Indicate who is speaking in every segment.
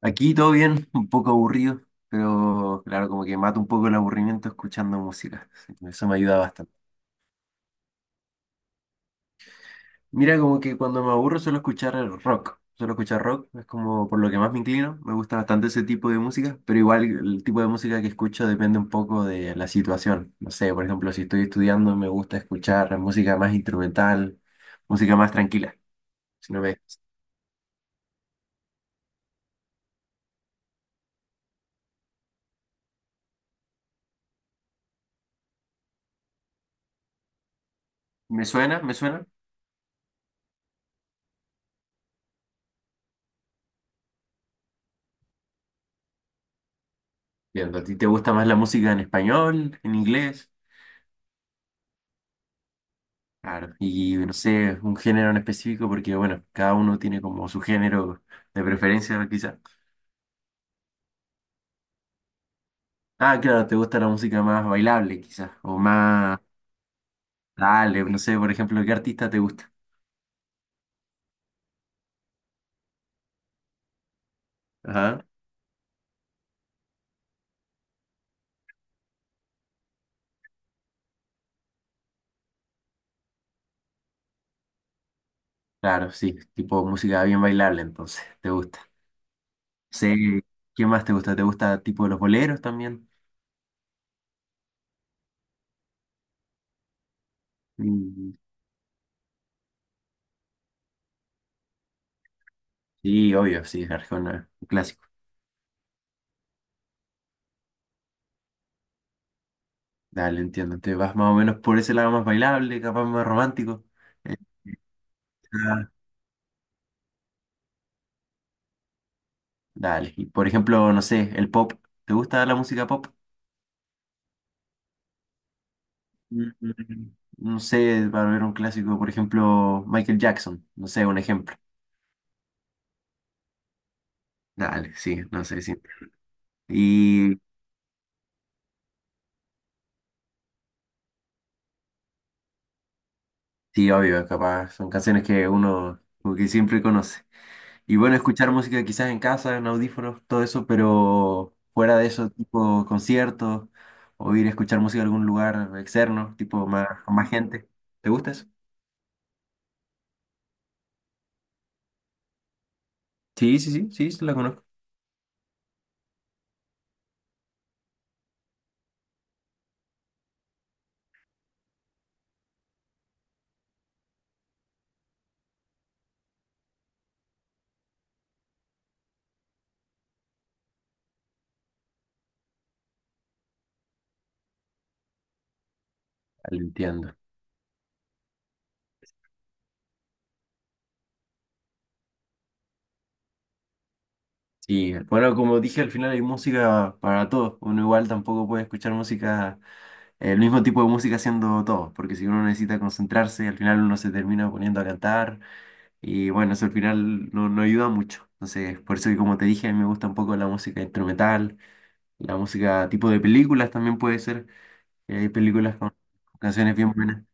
Speaker 1: Aquí todo bien, un poco aburrido, pero claro, como que mato un poco el aburrimiento escuchando música. Sí, eso me ayuda bastante. Mira, como que cuando me aburro suelo escuchar el rock. Suelo escuchar rock, es como por lo que más me inclino. Me gusta bastante ese tipo de música, pero igual el tipo de música que escucho depende un poco de la situación. No sé, por ejemplo, si estoy estudiando me gusta escuchar música más instrumental, música más tranquila. Si no me, me suena, me suena. Bien, ¿a ti te gusta más la música en español, en inglés? Claro, y no sé, un género en específico, porque bueno, cada uno tiene como su género de preferencia, quizás. Ah, claro, te gusta la música más bailable, quizás, o más, dale, no sé, por ejemplo, ¿qué artista te gusta? Ajá. Claro, sí, tipo música bien bailable, entonces, te gusta. Sí, ¿qué más te gusta? ¿Te gusta tipo los boleros también? Mm. Sí, obvio, sí, Arjona, un clásico. Dale, entiendo, te vas más o menos por ese lado más bailable, capaz más romántico. Dale. Y por ejemplo, no sé, el pop. ¿Te gusta la música pop? Mm, mm, No sé, para ver un clásico, por ejemplo, Michael Jackson. No sé, un ejemplo. Dale, sí, no sé, sí. Y sí, obvio, capaz, son canciones que uno como que siempre conoce. Y bueno, escuchar música quizás en casa, en audífonos, todo eso, pero fuera de eso, tipo conciertos, o ir a escuchar música a algún lugar externo, tipo más, con más gente. ¿Te gusta eso? Sí, sí, sí, sí, sí, la conozco. Dale, entiendo. Sí, bueno, como dije, al final hay música para todos. Uno igual tampoco puede escuchar música, el mismo tipo de música haciendo todo, porque si uno necesita concentrarse, al final uno se termina poniendo a cantar y bueno, eso al final no, no ayuda mucho. Entonces, por eso que como te dije, a mí me gusta un poco la música instrumental, la música tipo de películas también puede ser. Que Hay películas con canciones bien buenas.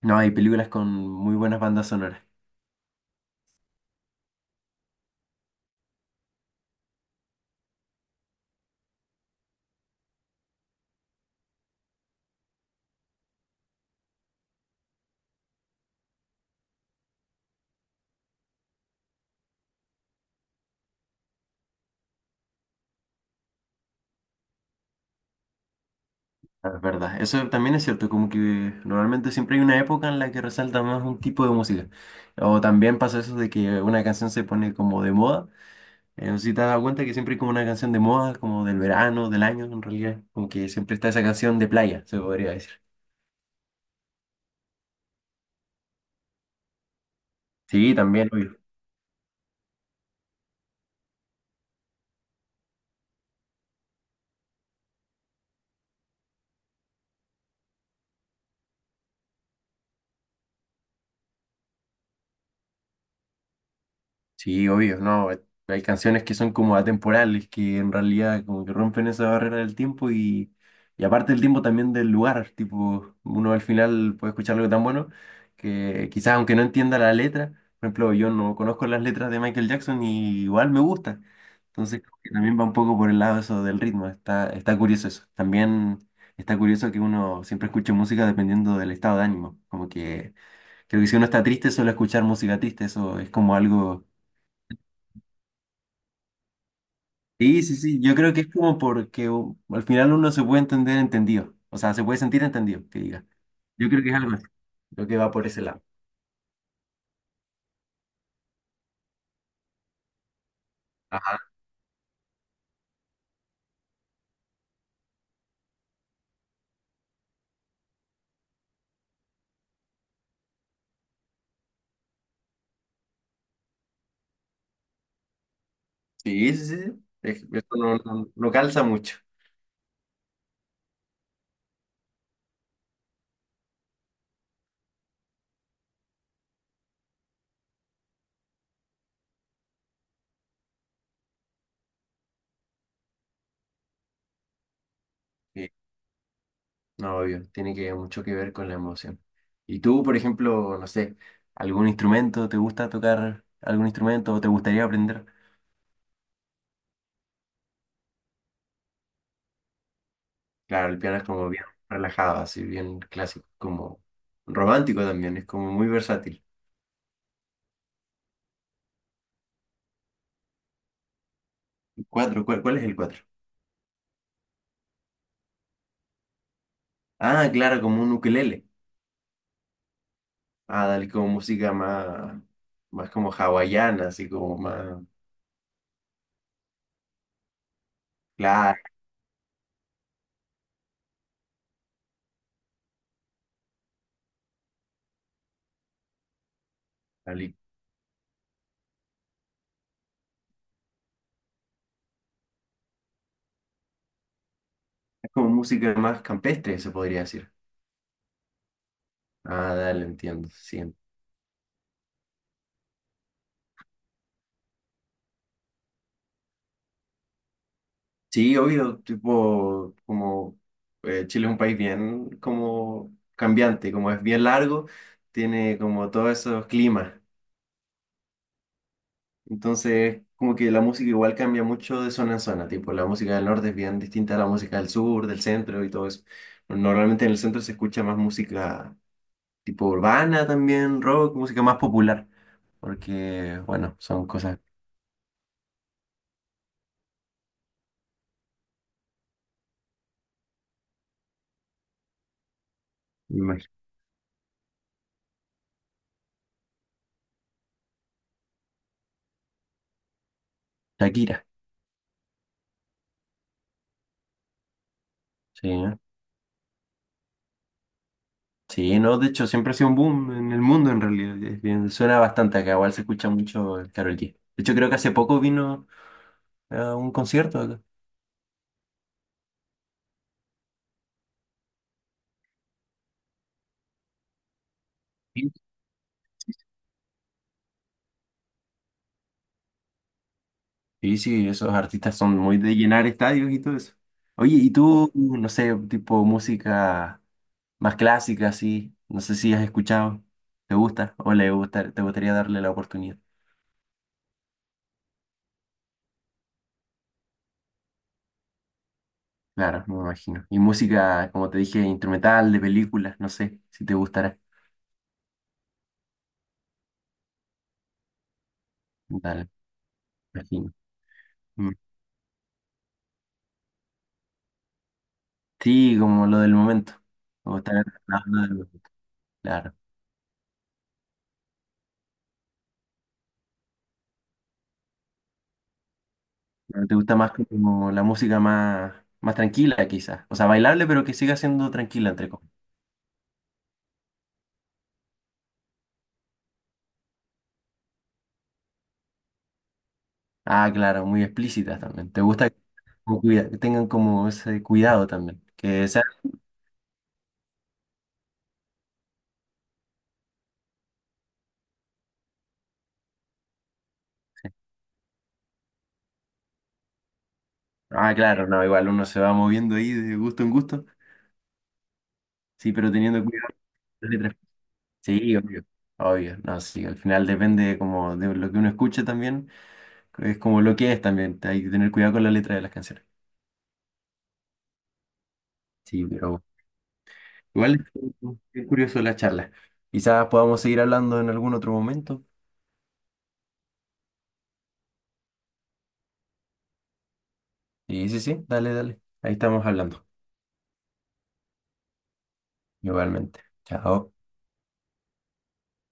Speaker 1: No, hay películas con muy buenas bandas sonoras. Es verdad, eso también es cierto, como que normalmente siempre hay una época en la que resalta más un tipo de música. O también pasa eso de que una canción se pone como de moda. No sé si te has dado cuenta que siempre hay como una canción de moda, como del verano, del año, en realidad. Como que siempre está esa canción de playa, se podría decir. Sí, también. Sí, obvio, no. Hay canciones que son como atemporales, que en realidad como que rompen esa barrera del tiempo y aparte del tiempo también del lugar, tipo, uno al final puede escuchar algo tan bueno que quizás aunque no entienda la letra, por ejemplo, yo no conozco las letras de Michael Jackson y igual me gusta. Entonces, creo que también va un poco por el lado eso del ritmo, está curioso eso. También está curioso que uno siempre escuche música dependiendo del estado de ánimo, como que creo que si uno está triste suele escuchar música triste, eso es como algo. Sí, sí, sí, yo creo que es como porque al final uno se puede entender entendido, o sea, se puede sentir entendido, que diga. Yo creo que es algo así, lo que va por ese lado. Ajá, sí, sí, sí, esto no, no, no calza mucho. Sí, no, obvio, tiene que mucho que ver con la emoción. ¿Y tú, por ejemplo, no sé, algún instrumento, te gusta tocar algún instrumento o te gustaría aprender? Claro, el piano es como bien relajado, así bien clásico, como romántico también, es como muy versátil. Cuatro, ¿cuál es el cuatro? Ah, claro, como un ukelele. Ah, dale, como música más, más como hawaiana, así como más... Claro, dale. Es como música más campestre, se podría decir. Ah, dale, entiendo, sí. Sí, obvio, tipo, como Chile es un país bien como cambiante, como es bien largo, tiene como todos esos climas. Entonces, como que la música igual cambia mucho de zona en zona, tipo, la música del norte es bien distinta a la música del sur, del centro y todo eso. Normalmente en el centro se escucha más música tipo urbana también, rock, música más popular, porque, bueno, son cosas... me imagino. Shakira, sí, ¿no? Sí, no, de hecho siempre ha sido un boom en el mundo en realidad, es bien- suena bastante acá, igual se escucha mucho el Karol G. De hecho creo que hace poco vino a un concierto acá. Sí, sí, esos artistas son muy de llenar estadios y todo eso. Oye, ¿y tú, no sé, tipo música más clásica, así? No sé si has escuchado. ¿Te gusta o le gusta, te gustaría darle la oportunidad? Claro, me imagino. Y música, como te dije, instrumental, de películas, no sé si te gustará. Dale, me imagino. Mm. Sí, como lo del momento. Como estar tratarlo de- Claro. Pero ¿te gusta más como la música más, más tranquila, quizás? O sea, bailable, pero que siga siendo tranquila, entre comillas. Ah, claro, muy explícitas también. ¿Te gusta que como que tengan como ese cuidado también? Que sea... Ah, claro, no, igual uno se va moviendo ahí de gusto en gusto. Sí, pero teniendo cuidado con las letras. Sí, obvio. Obvio, no, sí, al final depende como de lo que uno escuche también, es como lo que es también, hay que tener cuidado con la letra de las canciones. Sí, pero igual es curioso la charla. Quizás podamos seguir hablando en algún otro momento. Sí, sí, sí, dale, dale. Ahí estamos hablando, igualmente. Chao.